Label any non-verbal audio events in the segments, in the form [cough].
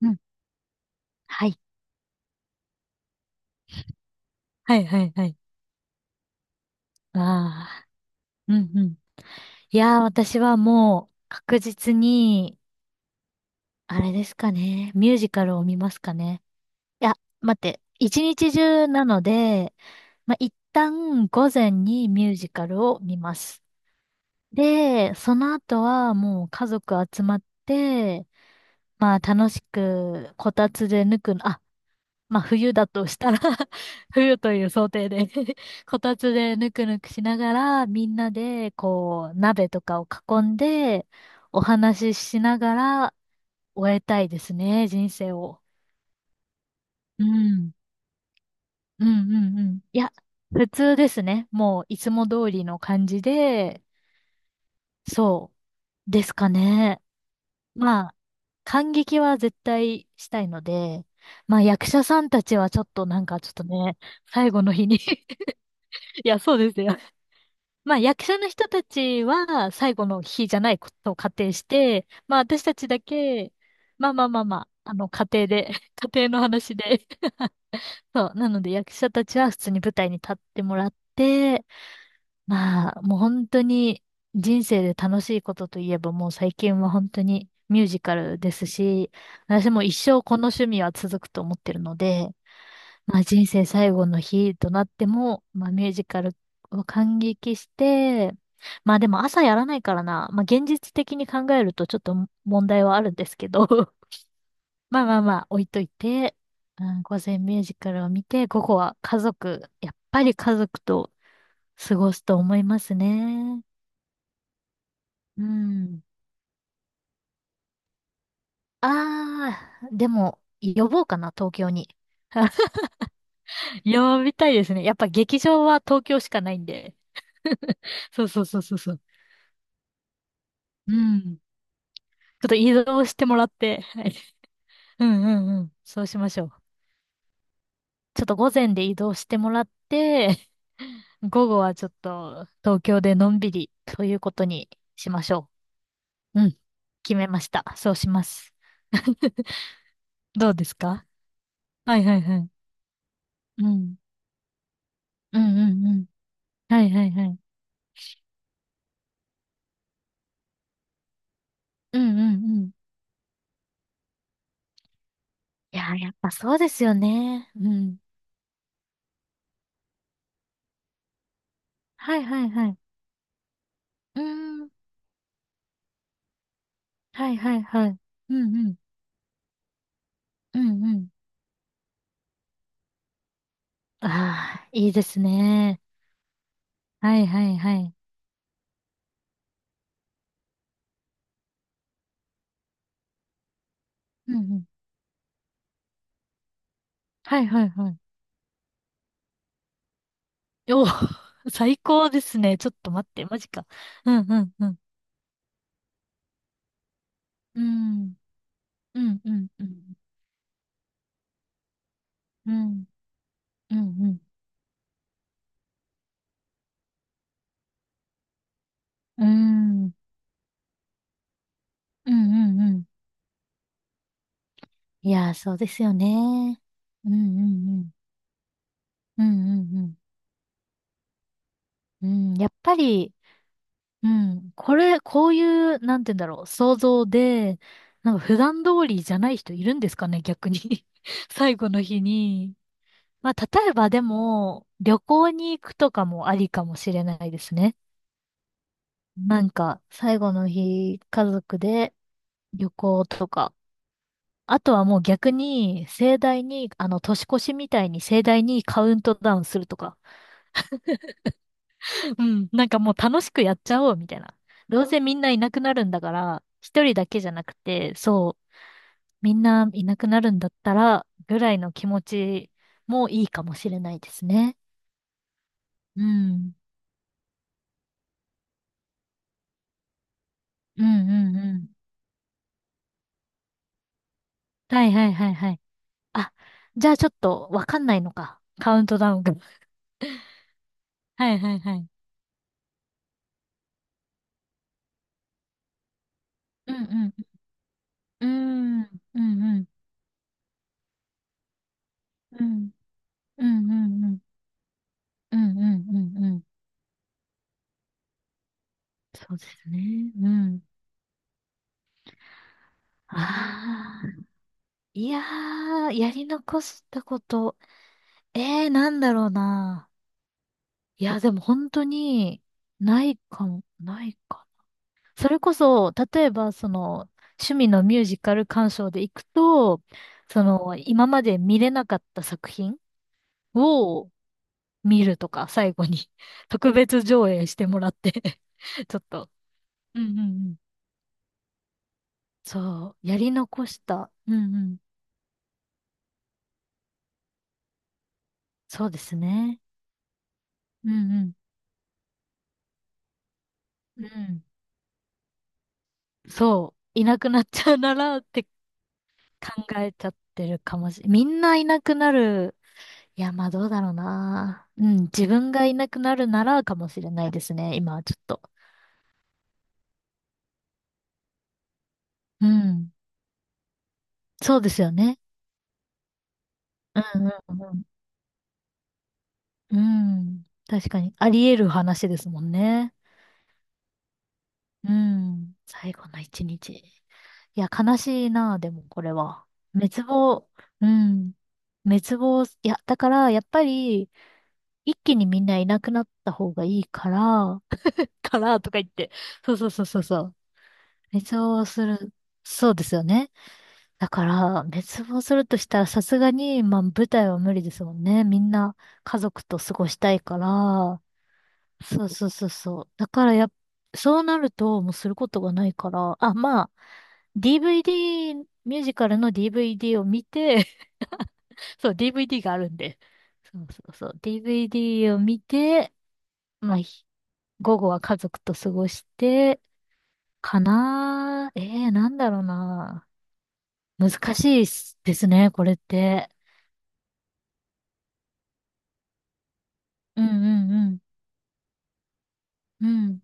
うん。はい。はいはいはい。ああ、うんうん。いやー、私はもう確実に、あれですかね。ミュージカルを見ますかね。いや、待って。一日中なので、まあ、一旦午前にミュージカルを見ます。で、その後はもう家族集まって、まあ楽しくこたつでぬく、あ、まあ冬だとしたら [laughs] 冬という想定で [laughs] こたつでぬくぬくしながら、みんなでこう鍋とかを囲んで、お話ししながら終えたいですね、人生を。うん。うんうんうん。いや、普通ですね。もういつも通りの感じで、そうですかね。まあ、感激は絶対したいので、まあ役者さんたちはちょっとなんかちょっとね、最後の日に [laughs] いや、そうですよ。まあ役者の人たちは最後の日じゃないことを仮定して、まあ私たちだけ、まあ、あの仮定で、[laughs] 仮定の話で、[laughs] そう、なので役者たちは普通に舞台に立ってもらって、まあもう本当に人生で楽しいことといえばもう最近は本当にミュージカルですし、私も一生この趣味は続くと思ってるので、まあ、人生最後の日となっても、まあ、ミュージカルを感激して、まあでも朝やらないからな、まあ現実的に考えるとちょっと問題はあるんですけど、[laughs] まあまあまあ置いといて、うん、午前ミュージカルを見て、午後は家族、やっぱり家族と過ごすと思いますね。うん。ああ、でも呼ぼうかな、東京に。[laughs] 呼びたいですね。やっぱ劇場は東京しかないんで。そうそうそうそうそう。うん。ちょっと移動してもらって、はい。うんうんうん。そうしましょう。ちょっと午前で移動してもらって、午後はちょっと東京でのんびりということにしましょう。うん。決めました。そうします。[laughs] どうですか？はいはいはい。うん。うんうんうん。はいはいはい。うんうんうん。いやー、やっぱそうですよね。うん。はいはいはい。うーん。はいはいはい。うんうん。うんうん。ああ、いいですね。はいはいはい。うんうん。はいはいはい。おー [laughs] 最高ですね。ちょっと待って、マジか。うんうんうん。うん。うんうんうん。うん。うんうん。うん。うんうんうん。いやー、そうですよね。うんうんうん。うんうんうん。うん、やっぱり、うん。こういう、なんて言うんだろう、想像で、なんか普段通りじゃない人いるんですかね、逆に。[laughs] 最後の日に。まあ、例えばでも、旅行に行くとかもありかもしれないですね。なんか、最後の日、家族で旅行とか。あとはもう逆に、盛大に、あの、年越しみたいに盛大にカウントダウンするとか。[laughs] うん。なんかもう楽しくやっちゃおう、みたいな。どうせみんないなくなるんだから、一人だけじゃなくて、そう、みんないなくなるんだったら、ぐらいの気持ちもいいかもしれないですね。うん。うんうんうん。はいはいはいはいあ、じゃあちょっとわかんないのか。カウントダウンが。はいはいはい。うんうん。うーん。うんうん。うんうんうんうん。うんうんうんうん。そうですね。うん。ああ。いやー、やり残したこと。ええー、なんだろうな。いや、でも本当に、ないか。それこそ、例えば、その、趣味のミュージカル鑑賞で行くと、その、今まで見れなかった作品を見るとか、最後に [laughs] 特別上映してもらって [laughs] ちょっと。うんうんうん。そう、やり残した。うんうん。そうですね。うんうん。うん。そう、いなくなっちゃうならって考えちゃってるかもしれ、みんないなくなる。いや、まあどうだろうな。うん、自分がいなくなるならかもしれないですね。今はちょっと。うん。そうですよね。うんうんうん。うん。確かに。あり得る話ですもんね。うん。最後の一日。いや、悲しいな、でもこれは。滅亡、うん。滅亡、いや、だから、やっぱり、一気にみんないなくなった方がいいから、[laughs] からとか言って。そうそうそうそうそう。滅亡する。そうですよね。だから、滅亡するとしたら、さすがに、まあ、舞台は無理ですもんね。みんな、家族と過ごしたいから、そうそうそうそう。だからやっ、そうなるともうすることがないから、あ、まあ、DVD、ミュージカルの DVD を見て、[laughs] そう、DVD があるんで。そうそうそう。DVD を見て、まあ、ひ午後は家族と過ごして、かなー。ええー、なんだろうな。難しいっすですね、これって。うんうんうん。うん。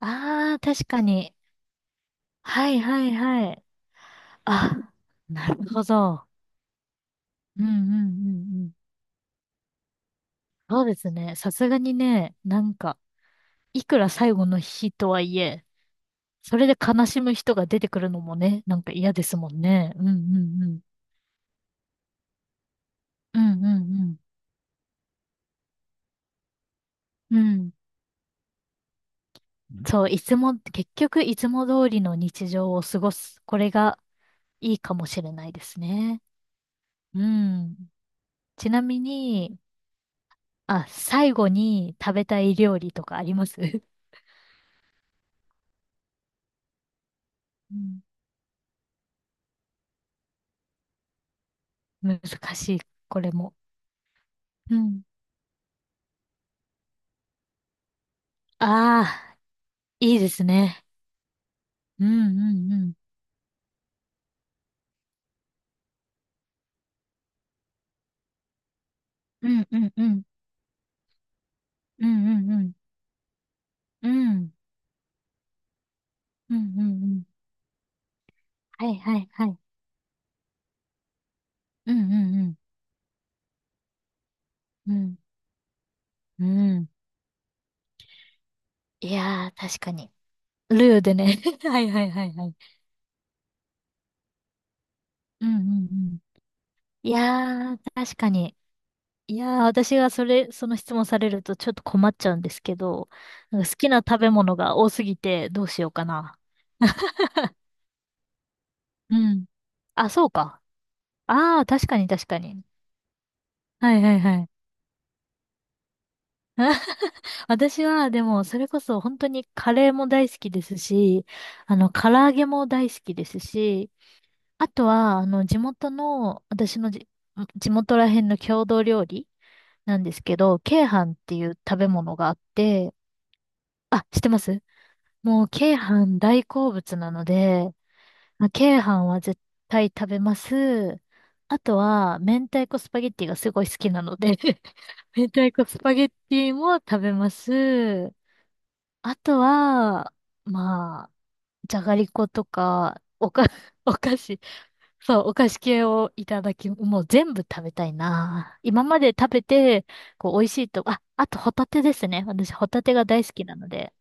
ああ、確かに。はいはいはい。あ、なるほど。うんうんうんうん。そうですね。さすがにね、なんか、いくら最後の日とはいえ、それで悲しむ人が出てくるのもね、なんか嫌ですもんね。うんうんうん。うんうんうん。うん。そう、いつも、結局いつも通りの日常を過ごす。これがいいかもしれないですね。うん。ちなみに、あ、最後に食べたい料理とかあります？ [laughs] うん難しい、これも。うん。ああ、いいですね。うんうんうん。うんうんうん。うんうんうん。うんうんうんうん。はいはいはい。うんうんうん。うん。うん。いやー、確かに。ルーでね。[laughs] はいはいはいはい。うんうんうん。いやー、確かに。いやー、私がそれ、その質問されるとちょっと困っちゃうんですけど、なんか好きな食べ物が多すぎてどうしようかな。[laughs] うん。[laughs] あ、そうか。ああ、確かに確かに。はいはいはい。[laughs] 私は、でも、それこそ本当にカレーも大好きですし、あの、唐揚げも大好きですし、あとは、あの、地元の、私のじ、地元ら辺の郷土料理なんですけど、鶏飯っていう食べ物があって、あ、知ってます？もう、鶏飯大好物なので、まあ鶏飯は絶対食べます。あとは、明太子スパゲッティがすごい好きなので [laughs] 明太子スパゲッティも食べます。あとは、まあ、じゃがりことか、おか、[laughs] お菓子、そう、お菓子系をいただき、もう全部食べたいな。今まで食べて、こう、美味しいと、あ、あとホタテですね。私、ホタテが大好きなので、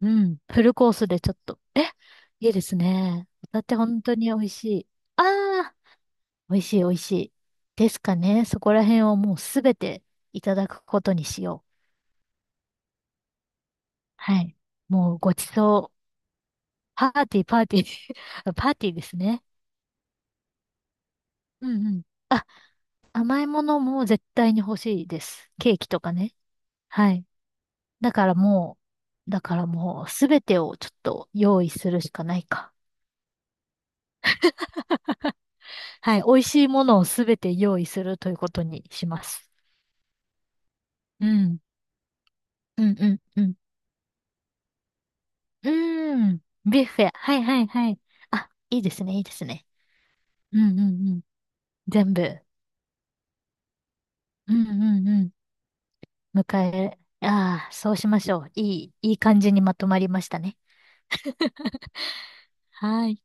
うん、フルコースでちょっと、え、いいですね。ホタテ本当に美味しい。ああ、美味しい美味しい。ですかね。そこら辺をもうすべていただくことにしよう。はい。もうごちそう。パーティー、パーティー。[laughs] パーティーですね。うんうん。あ、甘いものも絶対に欲しいです。ケーキとかね。はい。だからもだからもうすべてをちょっと用意するしかないか。はい。美味しいものをすべて用意するということにします。うん。うんうんうん。うーん。ビュッフェ。はいはいはい。あ、いいですね、いいですね。うんうんうん。全部。うんうんうん。迎え、ああ、そうしましょう。いい、いい感じにまとまりましたね。はい。